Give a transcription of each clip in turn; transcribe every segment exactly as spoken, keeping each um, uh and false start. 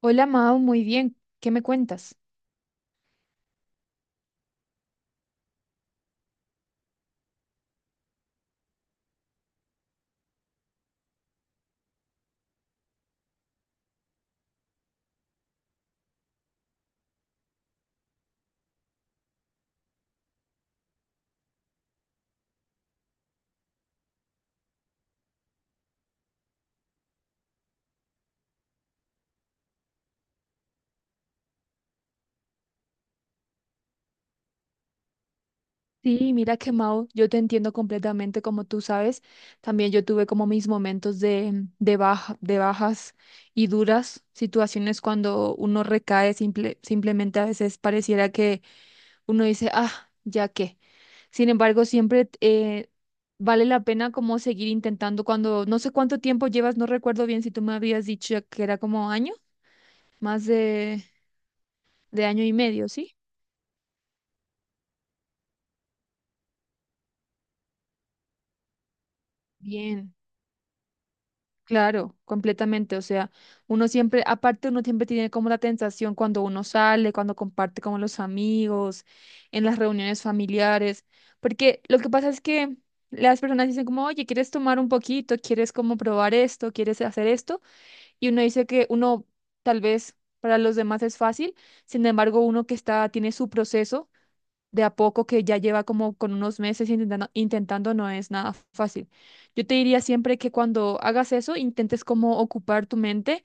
Hola Mao, muy bien. ¿Qué me cuentas? Sí, mira que Mao, yo te entiendo completamente, como tú sabes, también yo tuve como mis momentos de, de baja, de bajas y duras situaciones cuando uno recae, simple, simplemente a veces pareciera que uno dice, ah, ya qué. Sin embargo, siempre eh, vale la pena como seguir intentando cuando, no sé cuánto tiempo llevas, no recuerdo bien si tú me habías dicho que era como año, más de, de año y medio, ¿sí? Bien. Claro, completamente. O sea, uno siempre, aparte uno siempre tiene como la tentación cuando uno sale, cuando comparte con los amigos, en las reuniones familiares, porque lo que pasa es que las personas dicen como, oye, ¿quieres tomar un poquito? ¿Quieres como probar esto? ¿Quieres hacer esto? Y uno dice que uno tal vez para los demás es fácil, sin embargo, uno que está, tiene su proceso de a poco que ya lleva como con unos meses intentando, intentando no es nada fácil. Yo te diría siempre que cuando hagas eso, intentes como ocupar tu mente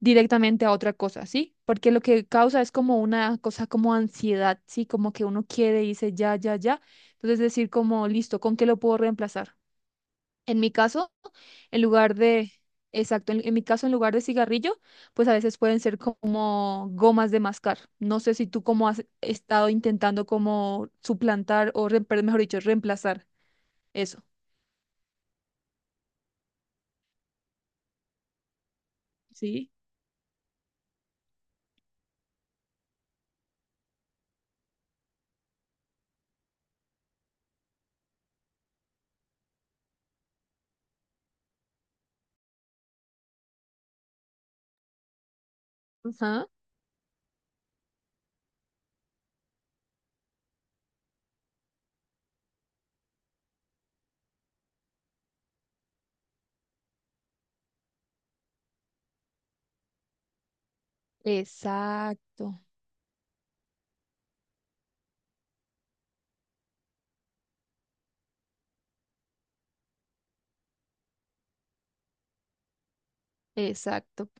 directamente a otra cosa, ¿sí? Porque lo que causa es como una cosa como ansiedad, ¿sí? Como que uno quiere y dice ya, ya, ya. Entonces decir como, listo, ¿con qué lo puedo reemplazar? En mi caso... En lugar de, exacto, en, en mi caso, en lugar de cigarrillo, pues a veces pueden ser como gomas de mascar. No sé si tú como has estado intentando como suplantar o, re- pero mejor dicho, reemplazar eso. Sí. Ajá. Exacto, exacto.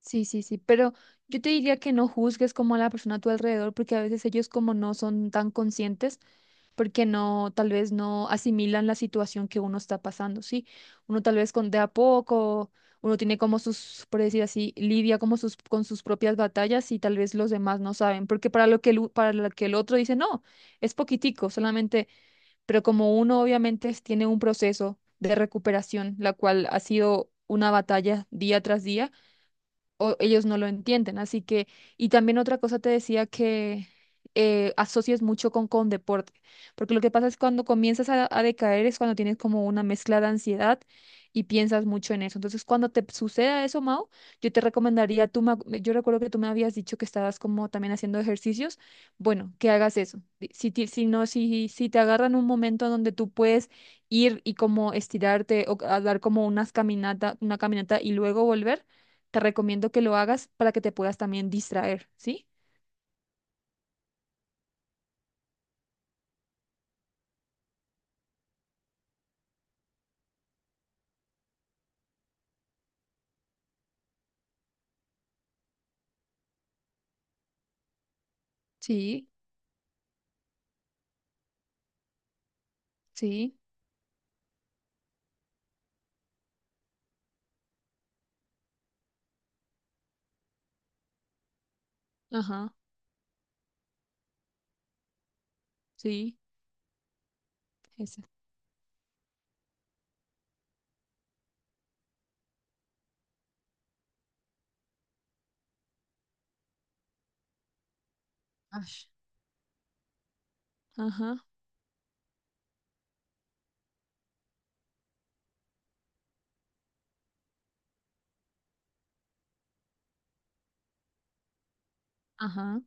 Sí, sí, sí, pero yo te diría que no juzgues como a la persona a tu alrededor, porque a veces ellos como no son tan conscientes. Porque no, tal vez no asimilan la situación que uno está pasando, ¿sí? Uno tal vez con de a poco, uno tiene como sus, por decir así, lidia como sus, con sus propias batallas y tal vez los demás no saben, porque para lo que el, u- para lo que el otro dice, no, es poquitico, solamente, pero como uno obviamente es- tiene un proceso de recuperación, la cual ha sido una batalla día tras día o ellos no lo entienden. Así que, y también otra cosa te decía que eh, asocies mucho con, con deporte, porque lo que pasa es cuando comienzas a, a decaer es cuando tienes como una mezcla de ansiedad y piensas mucho en eso. Entonces, cuando te suceda eso, Mau, yo te recomendaría, tú me ac- yo recuerdo que tú me habías dicho que estabas como también haciendo ejercicios, bueno, que hagas eso. Di- Si, ti- si no, si, si te agarran un momento donde tú puedes ir y como estirarte o a dar como unas caminata, una caminata y luego volver. Te recomiendo que lo hagas para que te puedas también distraer, ¿sí? Sí, sí, ajá, sí, esa. Ash. Ajá, ajá,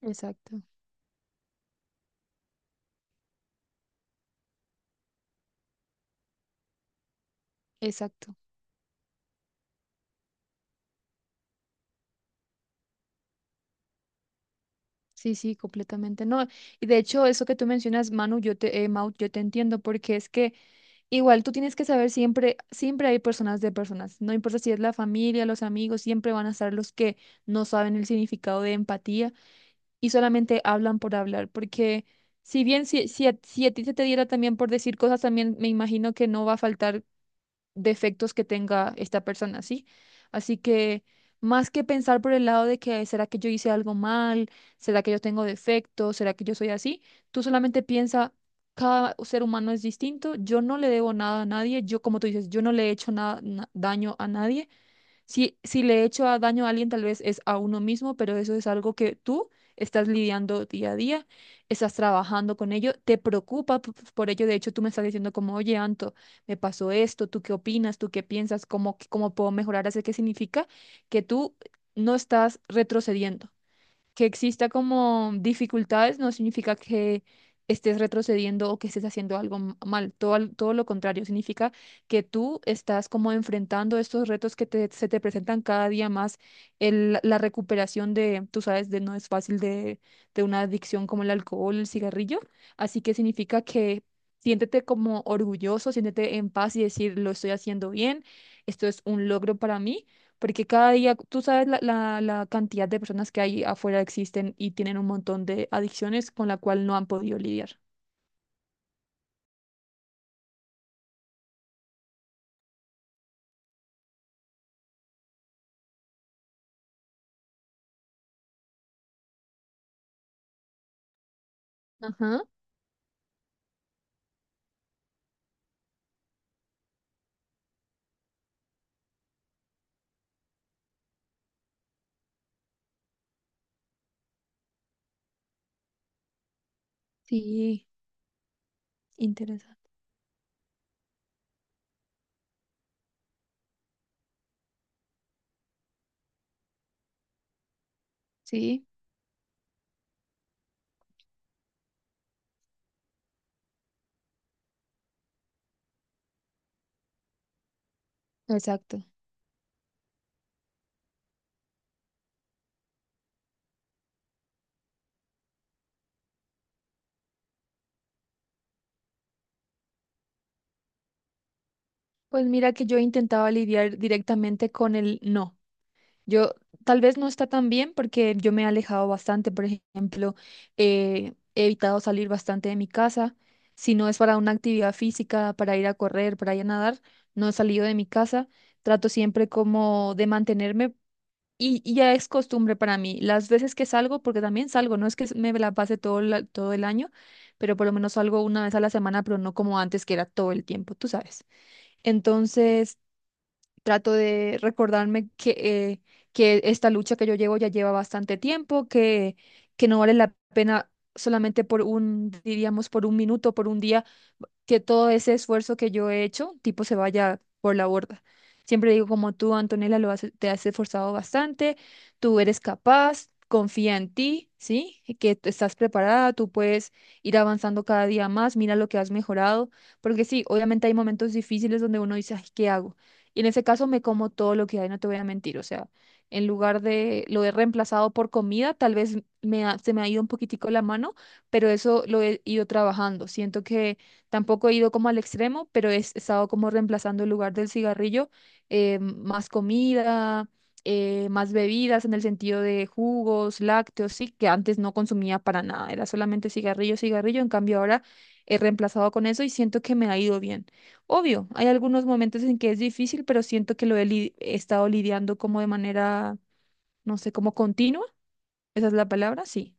exacto, exacto. Sí, sí, completamente. No, y de hecho, eso que tú mencionas, Manu, yo te, eh, Mau, yo te entiendo, porque es que igual tú tienes que saber siempre, siempre hay personas de personas. No importa si es la familia, los amigos, siempre van a estar los que no saben el significado de empatía y solamente hablan por hablar, porque si bien si, si, a, si a ti se te diera también por decir cosas, también me imagino que no va a faltar defectos que tenga esta persona, ¿sí? Así que más que pensar por el lado de que será que yo hice algo mal, será que yo tengo defectos, será que yo soy así, tú solamente piensa, cada ser humano es distinto, yo no le debo nada a nadie, yo como tú dices, yo no le he hecho nada, daño a nadie. Si, si le he hecho a- daño a alguien, tal vez es a uno mismo, pero eso es algo que tú estás lidiando día a día, estás trabajando con ello, te preocupa p- p- por ello. De hecho, tú me estás diciendo como, oye, Anto, me pasó esto, ¿tú qué opinas? ¿Tú qué piensas? ¿Cómo, cómo puedo mejorar? Así que significa que tú no estás retrocediendo. Que exista como dificultades no significa que estés retrocediendo o que estés haciendo algo m- mal. Todo, al- todo lo contrario, significa que tú estás como enfrentando estos retos que te- se te presentan cada día más. El- la recuperación de, tú sabes, de no es fácil de, de una adicción como el alcohol, el cigarrillo. Así que significa que siéntete como orgulloso, siéntete en paz y decir, lo estoy haciendo bien, esto es un logro para mí porque cada día, tú sabes la, la- la cantidad de personas que hay afuera existen y tienen un montón de adicciones con la cual no han podido lidiar. Ajá, sí, interesante. Sí, exacto. Pues mira que yo intentaba lidiar directamente con el no. Yo tal vez no está tan bien porque yo me he alejado bastante, por ejemplo, eh, he evitado salir bastante de mi casa. Si no es para una actividad física, para ir a correr, para ir a nadar, no he salido de mi casa. Trato siempre como de mantenerme. Y, y ya es costumbre para mí. Las veces que salgo, porque también salgo, no es que me la pase todo, la- todo el año, pero por lo menos salgo una vez a la semana, pero no como antes, que era todo el tiempo, tú sabes. Entonces, trato de recordarme que, eh, que esta lucha que yo llevo ya lleva bastante tiempo, que, que no vale la pena solamente por un, diríamos, por un minuto, por un día, que todo ese esfuerzo que yo he hecho, tipo, se vaya por la borda. Siempre digo, como tú, Antonella, lo has- te has esforzado bastante, tú eres capaz, confía en ti, ¿sí? Y que tú estás preparada, tú puedes ir avanzando cada día más, mira lo que has mejorado, porque sí, obviamente hay momentos difíciles donde uno dice, ay, ¿qué hago? Y en ese caso me como todo lo que hay, no te voy a mentir, o sea, en lugar de lo he reemplazado por comida, tal vez me ha- se me ha ido un poquitico la mano, pero eso lo he ido trabajando. Siento que tampoco he ido como al extremo, pero he estado como reemplazando el lugar del cigarrillo, eh, más comida, eh, más bebidas en el sentido de jugos, lácteos, sí, que antes no consumía para nada, era solamente cigarrillo, cigarrillo, en cambio ahora he reemplazado con eso y siento que me ha ido bien. Obvio, hay algunos momentos en que es difícil, pero siento que lo he, li- he estado lidiando como de manera, no sé, como continua, esa es la palabra, sí.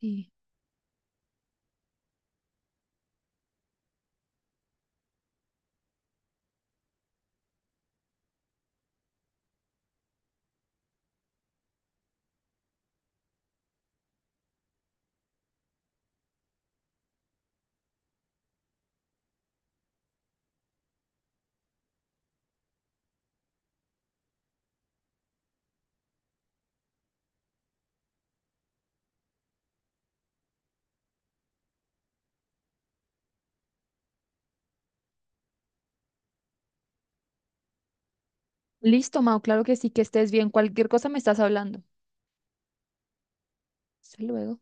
Sí. Listo, Mau, claro que sí, que estés bien, cualquier cosa me estás hablando. Hasta luego.